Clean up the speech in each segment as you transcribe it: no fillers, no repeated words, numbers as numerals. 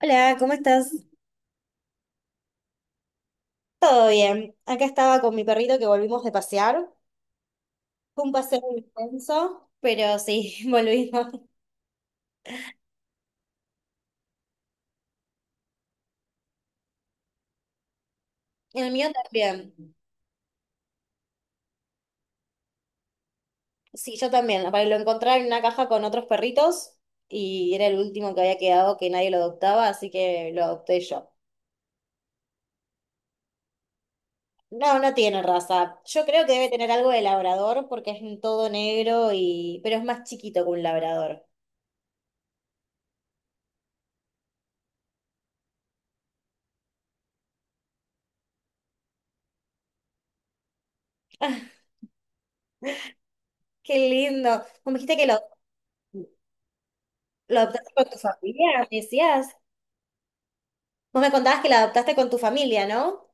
Hola, ¿cómo estás? Todo bien. Acá estaba con mi perrito que volvimos de pasear. Fue un paseo muy intenso, pero sí, volvimos. El mío también. Sí, yo también. Aparte, lo encontré en una caja con otros perritos y era el último que había quedado que nadie lo adoptaba, así que lo adopté yo. No, no tiene raza. Yo creo que debe tener algo de labrador porque es todo negro y pero es más chiquito que un labrador. Qué lindo. Como dijiste que lo adoptaste con tu familia, me decías. Vos me contabas que la adoptaste con tu familia, ¿no?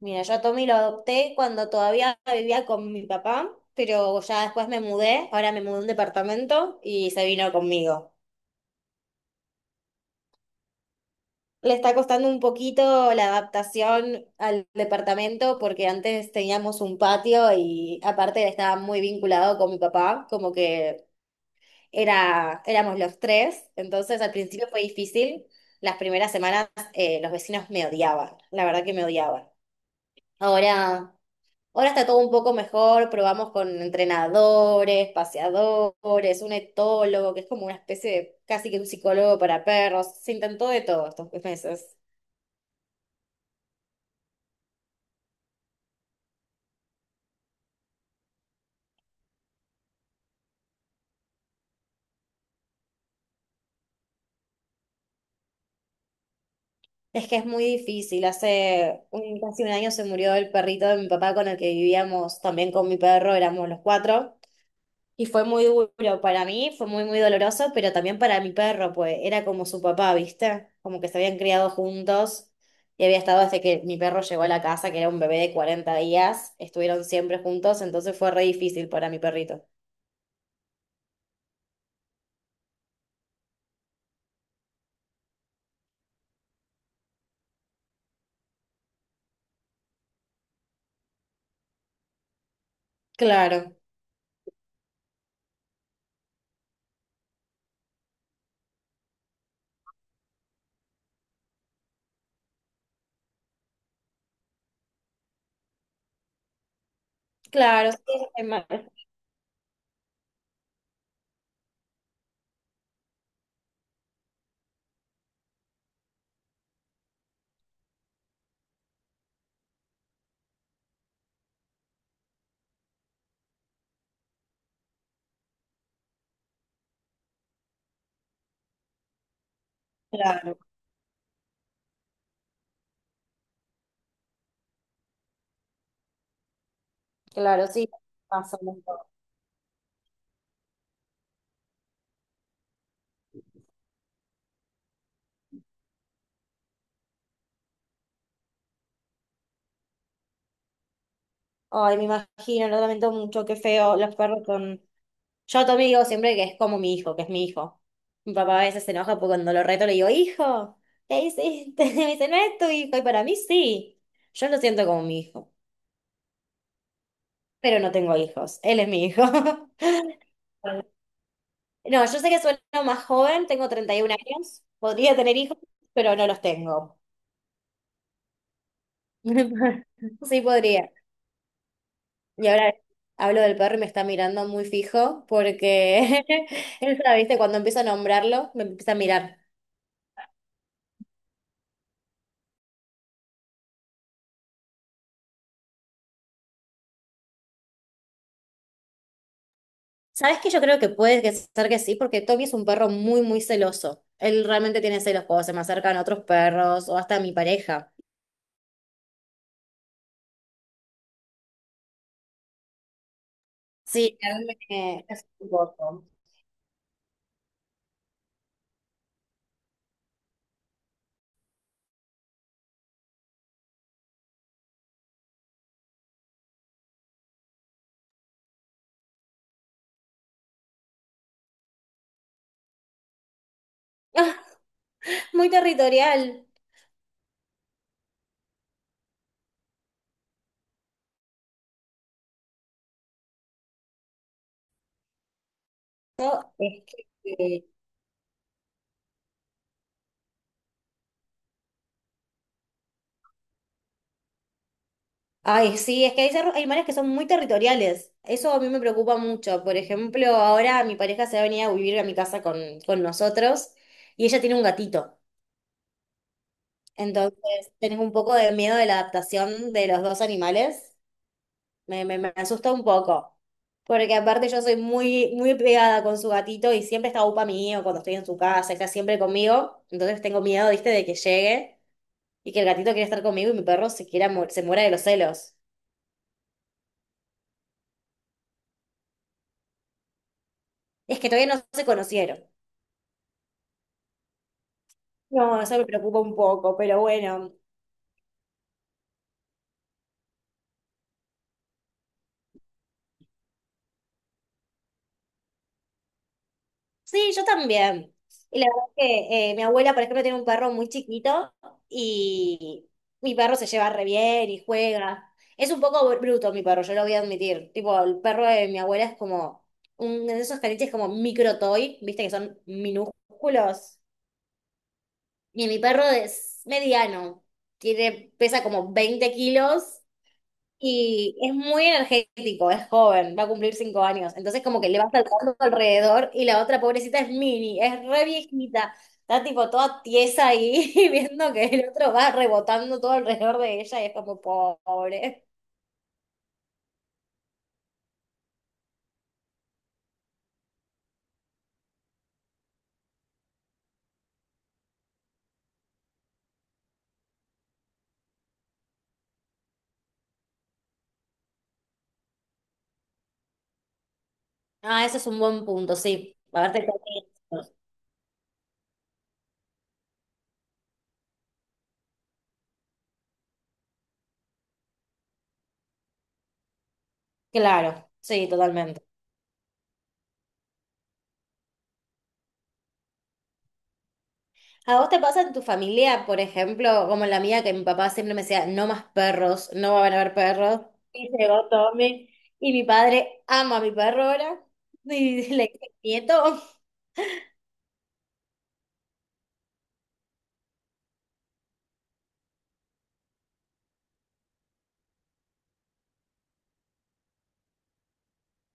Mira, yo a Tommy lo adopté cuando todavía vivía con mi papá, pero ya después me mudé, ahora me mudé a un departamento y se vino conmigo. Le está costando un poquito la adaptación al departamento porque antes teníamos un patio y aparte él estaba muy vinculado con mi papá, como que era, éramos los tres, entonces al principio fue difícil. Las primeras semanas los vecinos me odiaban, la verdad que me odiaban. Ahora... Ahora está todo un poco mejor, probamos con entrenadores, paseadores, un etólogo, que es como una especie de casi que un psicólogo para perros. Se intentó de todo estos meses. Es que es muy difícil. Casi un año se murió el perrito de mi papá con el que vivíamos, también con mi perro, éramos los cuatro. Y fue muy duro para mí, fue muy, muy doloroso, pero también para mi perro, pues era como su papá, ¿viste? Como que se habían criado juntos y había estado desde que mi perro llegó a la casa, que era un bebé de 40 días, estuvieron siempre juntos, entonces fue re difícil para mi perrito. Claro, claro, sí, es mal- claro, claro, sí, pasa mucho. Ay, me imagino, lo lamento mucho, qué feo los perros con Yo a también digo siempre que es como mi hijo, que es mi hijo. Mi papá a veces se enoja porque cuando lo reto le digo, hijo, ¿qué hiciste? Me dice, no es tu hijo. Y para mí sí. Yo lo siento como mi hijo, pero no tengo hijos. Él es mi hijo. No, yo sé que sueno más joven, tengo 31 años, podría tener hijos, pero no los tengo. Sí, podría. Y ahora hablo del perro y me está mirando muy fijo porque él, ¿viste? Cuando empiezo a nombrarlo, me empieza a mirar. ¿Sabes qué? Yo creo que puede que ser que sí, porque Tommy es un perro muy, muy celoso. Él realmente tiene celos cuando se me acercan otros perros o hasta mi pareja. Sí, a mí me es un poco. Muy territorial. No, es que Ay, sí, es que hay animales que son muy territoriales. Eso a mí me preocupa mucho. Por ejemplo, ahora mi pareja se va a venir a vivir a mi casa con nosotros y ella tiene un gatito. Entonces, tenés un poco de miedo de la adaptación de los dos animales. Me asusta un poco. Porque aparte yo soy muy, muy pegada con su gatito y siempre está upa mío cuando estoy en su casa, está siempre conmigo. Entonces tengo miedo, viste, de que llegue y que el gatito quiera estar conmigo y mi perro se quiera se muera de los celos. Es que todavía no se conocieron. No, eso me preocupa un poco, pero bueno. Sí, yo también. Y la verdad es que mi abuela, por ejemplo, tiene un perro muy chiquito y mi perro se lleva re bien y juega. Es un poco bruto mi perro, yo lo voy a admitir. Tipo, el perro de mi abuela es como un de esos caniches como micro toy, viste que son minúsculos. Y mi perro es mediano, tiene, pesa como 20 kilos y es muy energético, es joven, va a cumplir 5 años. Entonces como que le va saltando alrededor y la otra pobrecita es mini, es re viejita. Está tipo toda tiesa ahí viendo que el otro va rebotando todo alrededor de ella y es como pobre. Ah, ese es un buen punto, sí. A ver, te claro, sí, totalmente. ¿A vos te pasa en tu familia, por ejemplo, como en la mía, que mi papá siempre me decía, no más perros, no van a haber perros? Y llegó Tommy, y mi padre ama a mi perro ahora, y le dice, nieto,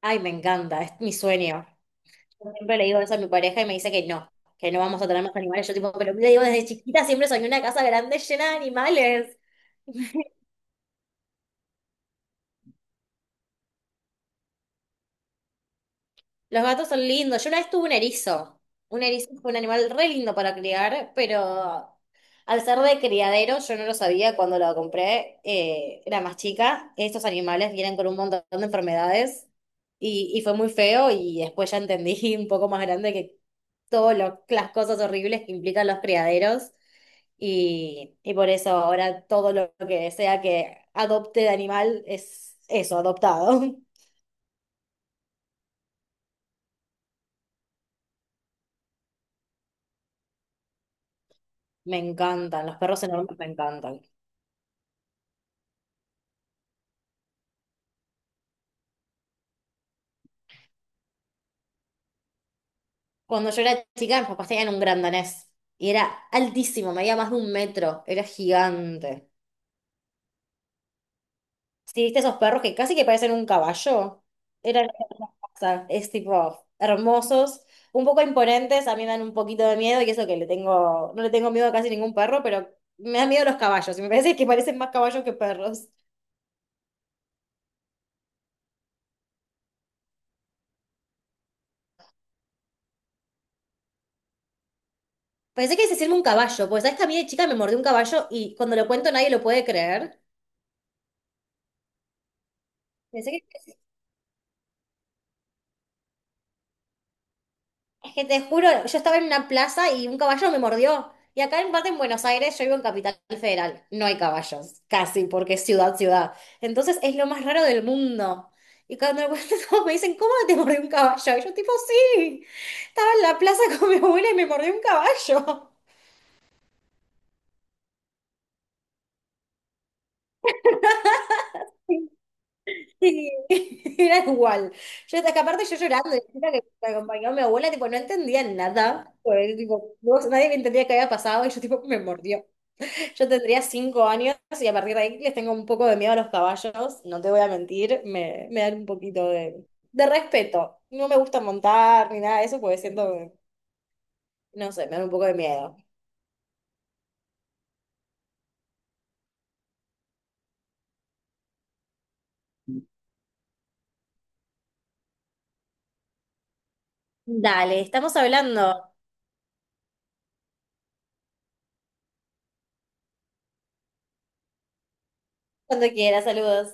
ay, me encanta, es mi sueño. Yo siempre le digo eso a mi pareja y me dice que no vamos a tener más animales. Yo tipo, pero le digo, desde chiquita siempre soñé una casa grande llena de animales. Los gatos son lindos. Yo una vez tuve un erizo. Un erizo fue un animal re lindo para criar, pero al ser de criadero, yo no lo sabía cuando lo compré, era más chica. Estos animales vienen con un montón de enfermedades y fue muy feo y después ya entendí un poco más grande que todas las cosas horribles que implican los criaderos. Y por eso ahora todo lo que sea que adopte de animal es eso, adoptado. Me encantan, los perros enormes me encantan. Cuando yo era chica, mis papás tenían un gran danés y era altísimo, medía más de un metro, era gigante. Sí, viste esos perros que casi que parecen un caballo. Era la misma cosa. Es tipo hermosos, un poco imponentes, a mí me dan un poquito de miedo y eso que le tengo, no le tengo miedo a casi ningún perro, pero me dan miedo los caballos y me parece que parecen más caballos que perros. Pensé que es decirme un caballo, pues sabes que a mí de chica me mordió un caballo y cuando lo cuento nadie lo puede creer. Pensé que Es que te juro, yo estaba en una plaza y un caballo me mordió. Y acá en parte en Buenos Aires, yo vivo en Capital Federal, no hay caballos, casi, porque es ciudad, ciudad. Entonces es lo más raro del mundo. Y cuando me cuentan, todos me dicen, ¿cómo te mordió un caballo? Y yo tipo, sí, estaba en la plaza con mi abuela y me mordió un caballo. Y era igual. Yo, es que aparte yo llorando, y la chica que me acompañó mi abuela, tipo, no entendía nada. Pues, tipo, nadie me entendía qué había pasado y yo tipo, me mordió. Yo tendría 5 años y a partir de ahí les tengo un poco de miedo a los caballos, no te voy a mentir, me dan un poquito de, respeto. No me gusta montar ni nada de eso porque siento que, no sé, me dan un poco de miedo. Dale, estamos hablando. Cuando quieras, saludos.